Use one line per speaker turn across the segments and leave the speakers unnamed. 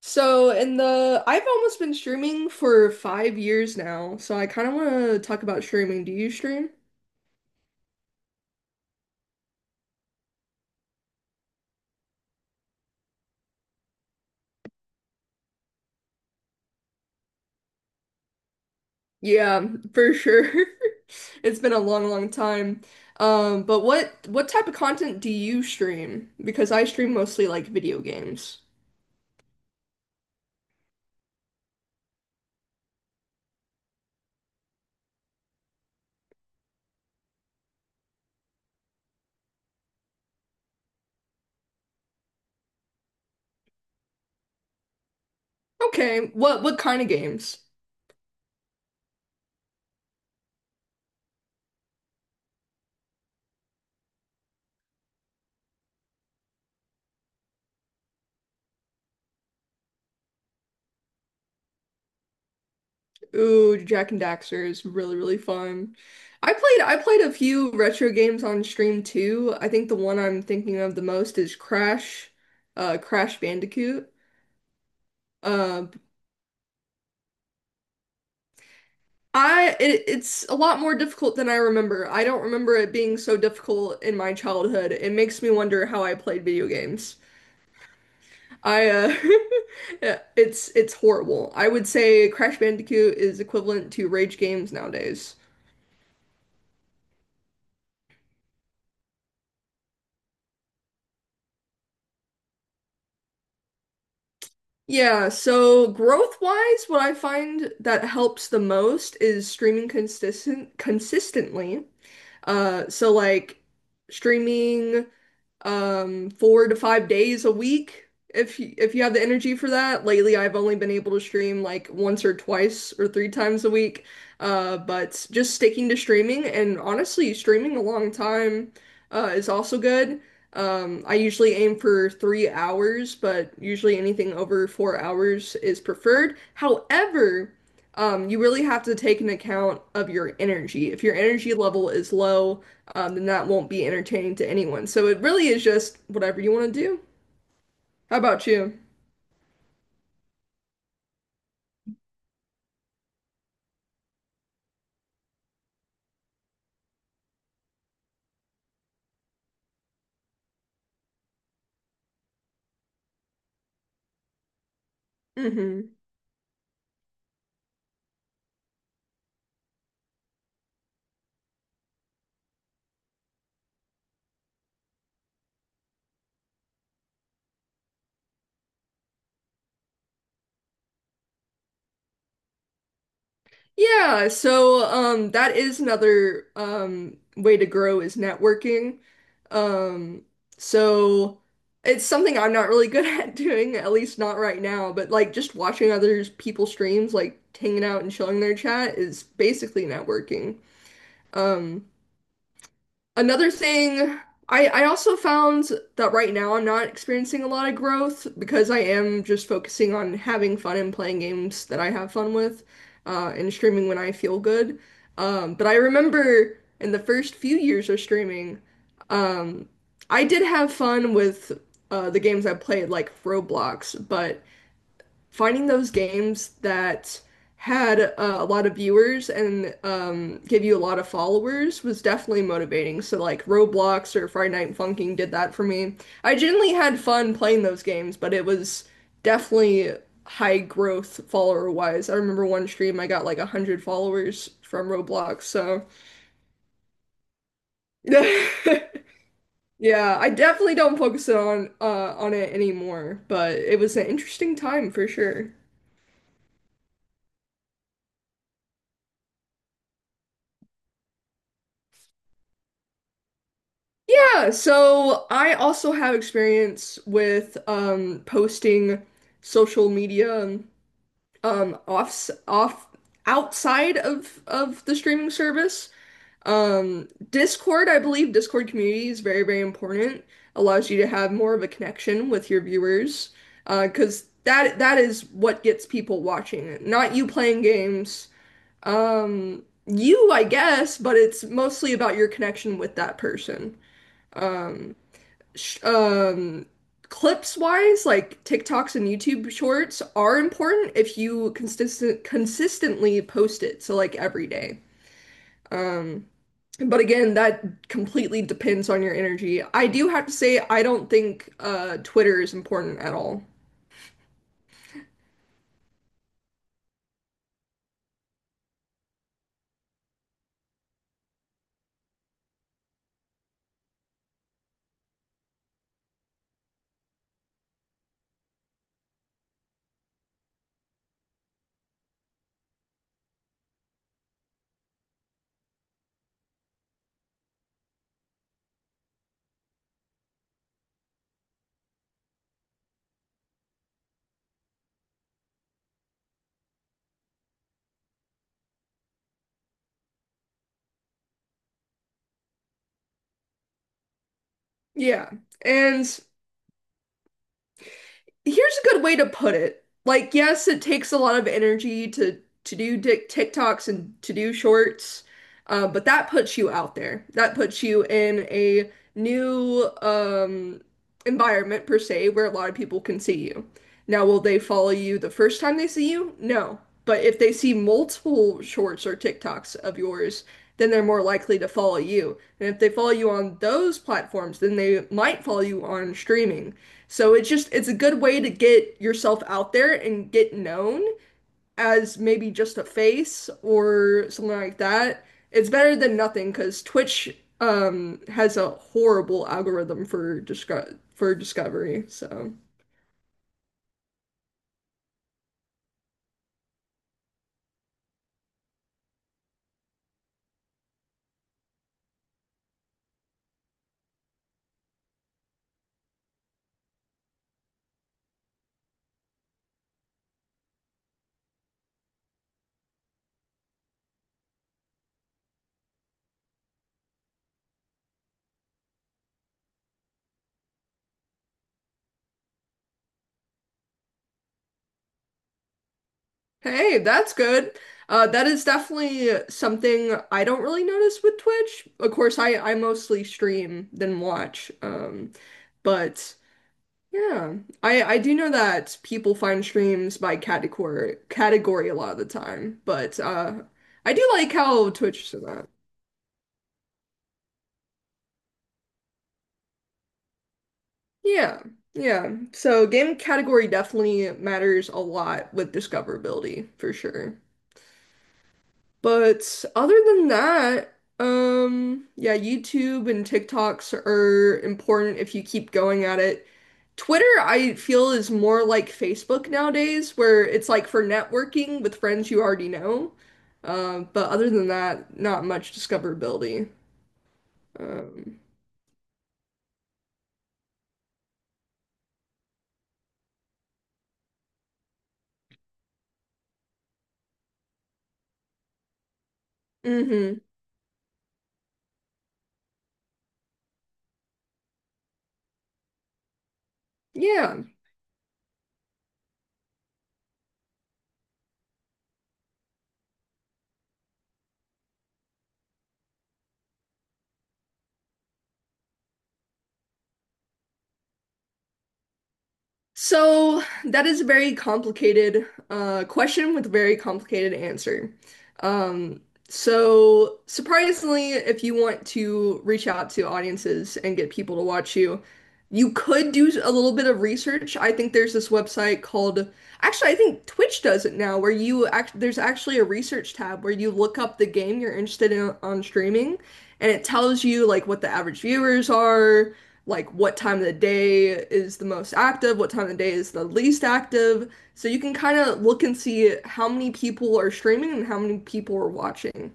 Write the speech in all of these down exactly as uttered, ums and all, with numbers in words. So, in the I've almost been streaming for five years now, so I kind of want to talk about streaming. Do you stream? Yeah, for sure. It's been a long, long time. Um, but what what type of content do you stream? Because I stream mostly like video games. Okay, what what kind of games? Ooh, Jack and Daxter is really, really fun. I played I played a few retro games on stream too. I think the one I'm thinking of the most is Crash, uh, Crash Bandicoot. Um, I it, it's a lot more difficult than I remember. I don't remember it being so difficult in my childhood. It makes me wonder how I played video games. I uh yeah, it's it's horrible. I would say Crash Bandicoot is equivalent to rage games nowadays. Yeah, so growth-wise, what I find that helps the most is streaming consistent consistently. Uh, so like streaming. um four to five days a week if you, if you have the energy for that. Lately, I've only been able to stream like once or twice or three times a week. Uh, but just sticking to streaming and, honestly, streaming a long time uh, is also good. Um, I usually aim for three hours, but usually anything over four hours is preferred. However, um, you really have to take an account of your energy. If your energy level is low, um, then that won't be entertaining to anyone. So it really is just whatever you want to do. How about you? Hmm. Yeah, so um, that is another um, way to grow, is networking. Um, so it's something I'm not really good at doing, at least not right now, but like just watching other people's streams, like hanging out and chilling their chat is basically networking. Um, Another thing, I I also found that right now I'm not experiencing a lot of growth because I am just focusing on having fun and playing games that I have fun with, uh, and streaming when I feel good. Um, but I remember in the first few years of streaming, um, I did have fun with uh, the games I played, like Roblox, but finding those games that had uh, a lot of viewers and um, give you a lot of followers was definitely motivating. So like Roblox or Friday Night Funkin' did that for me. I generally had fun playing those games, but it was definitely high growth follower wise. I remember one stream I got like one hundred followers from Roblox, so yeah, I definitely don't focus on uh on it anymore, but it was an interesting time for sure. Yeah, so I also have experience with um, posting social media um, off off outside of of the streaming service. Um, Discord, I believe Discord community is very, very important. Allows you to have more of a connection with your viewers, uh, because that that is what gets people watching it. Not you playing games, um, you, I guess, but it's mostly about your connection with that person. Um, sh- um clips wise, like TikToks and YouTube shorts are important if you consistent consistently post it, so like every day. Um but again, that completely depends on your energy. I do have to say I don't think uh Twitter is important at all. Yeah. And Here's a good way to put it. Like, yes, it takes a lot of energy to to do dic- TikToks and to do shorts, uh, but that puts you out there. That puts you in a new um, environment, per se, where a lot of people can see you. Now, will they follow you the first time they see you? No. But if they see multiple shorts or TikToks of yours, then they're more likely to follow you. And if they follow you on those platforms, then they might follow you on streaming. So it's just it's a good way to get yourself out there and get known as maybe just a face or something like that. It's better than nothing because Twitch um has a horrible algorithm for disco for discovery. So hey, that's good. Uh, that is definitely something I don't really notice with Twitch. Of course, I I mostly stream than watch. Um, but Yeah. I I do know that people find streams by category category a lot of the time, but uh I do like how Twitch does that. Yeah. Yeah. So game category definitely matters a lot with discoverability for sure. But other than that, um yeah, YouTube and TikToks are important if you keep going at it. Twitter, I feel, is more like Facebook nowadays, where it's like for networking with friends you already know. Um, but other than that, not much discoverability. Um, hmm. Yeah. So that is a very complicated uh, question with a very complicated answer. Um, so surprisingly, if you want to reach out to audiences and get people to watch you, you could do a little bit of research. I think there's this website called Actually, I think Twitch does it now, where you act there's actually a research tab where you look up the game you're interested in on streaming, and it tells you like what the average viewers are, like what time of the day is the most active, what time of the day is the least active. So you can kind of look and see how many people are streaming and how many people are watching.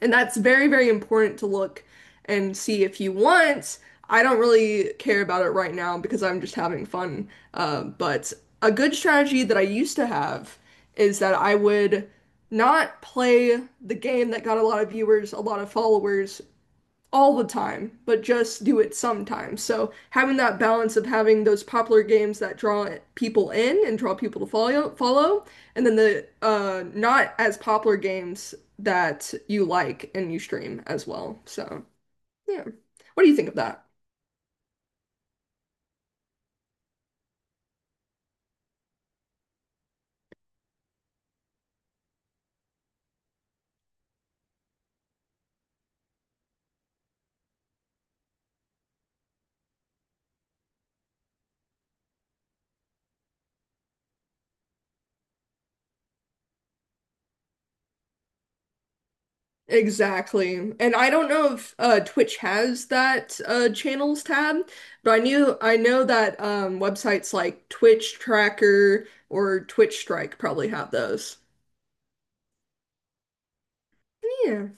And that's very, very important to look and see if you want. I don't really care about it right now because I'm just having fun. Uh, but a good strategy that I used to have is that I would not play the game that got a lot of viewers, a lot of followers, all the time, but just do it sometimes. So having that balance of having those popular games that draw people in and draw people to follow, follow, and then the uh, not as popular games that you like and you stream as well. So yeah, what do you think of that? Exactly. And I don't know if uh, Twitch has that uh, channels tab, but I knew I know that um, websites like Twitch Tracker or Twitch Strike probably have those. Yeah.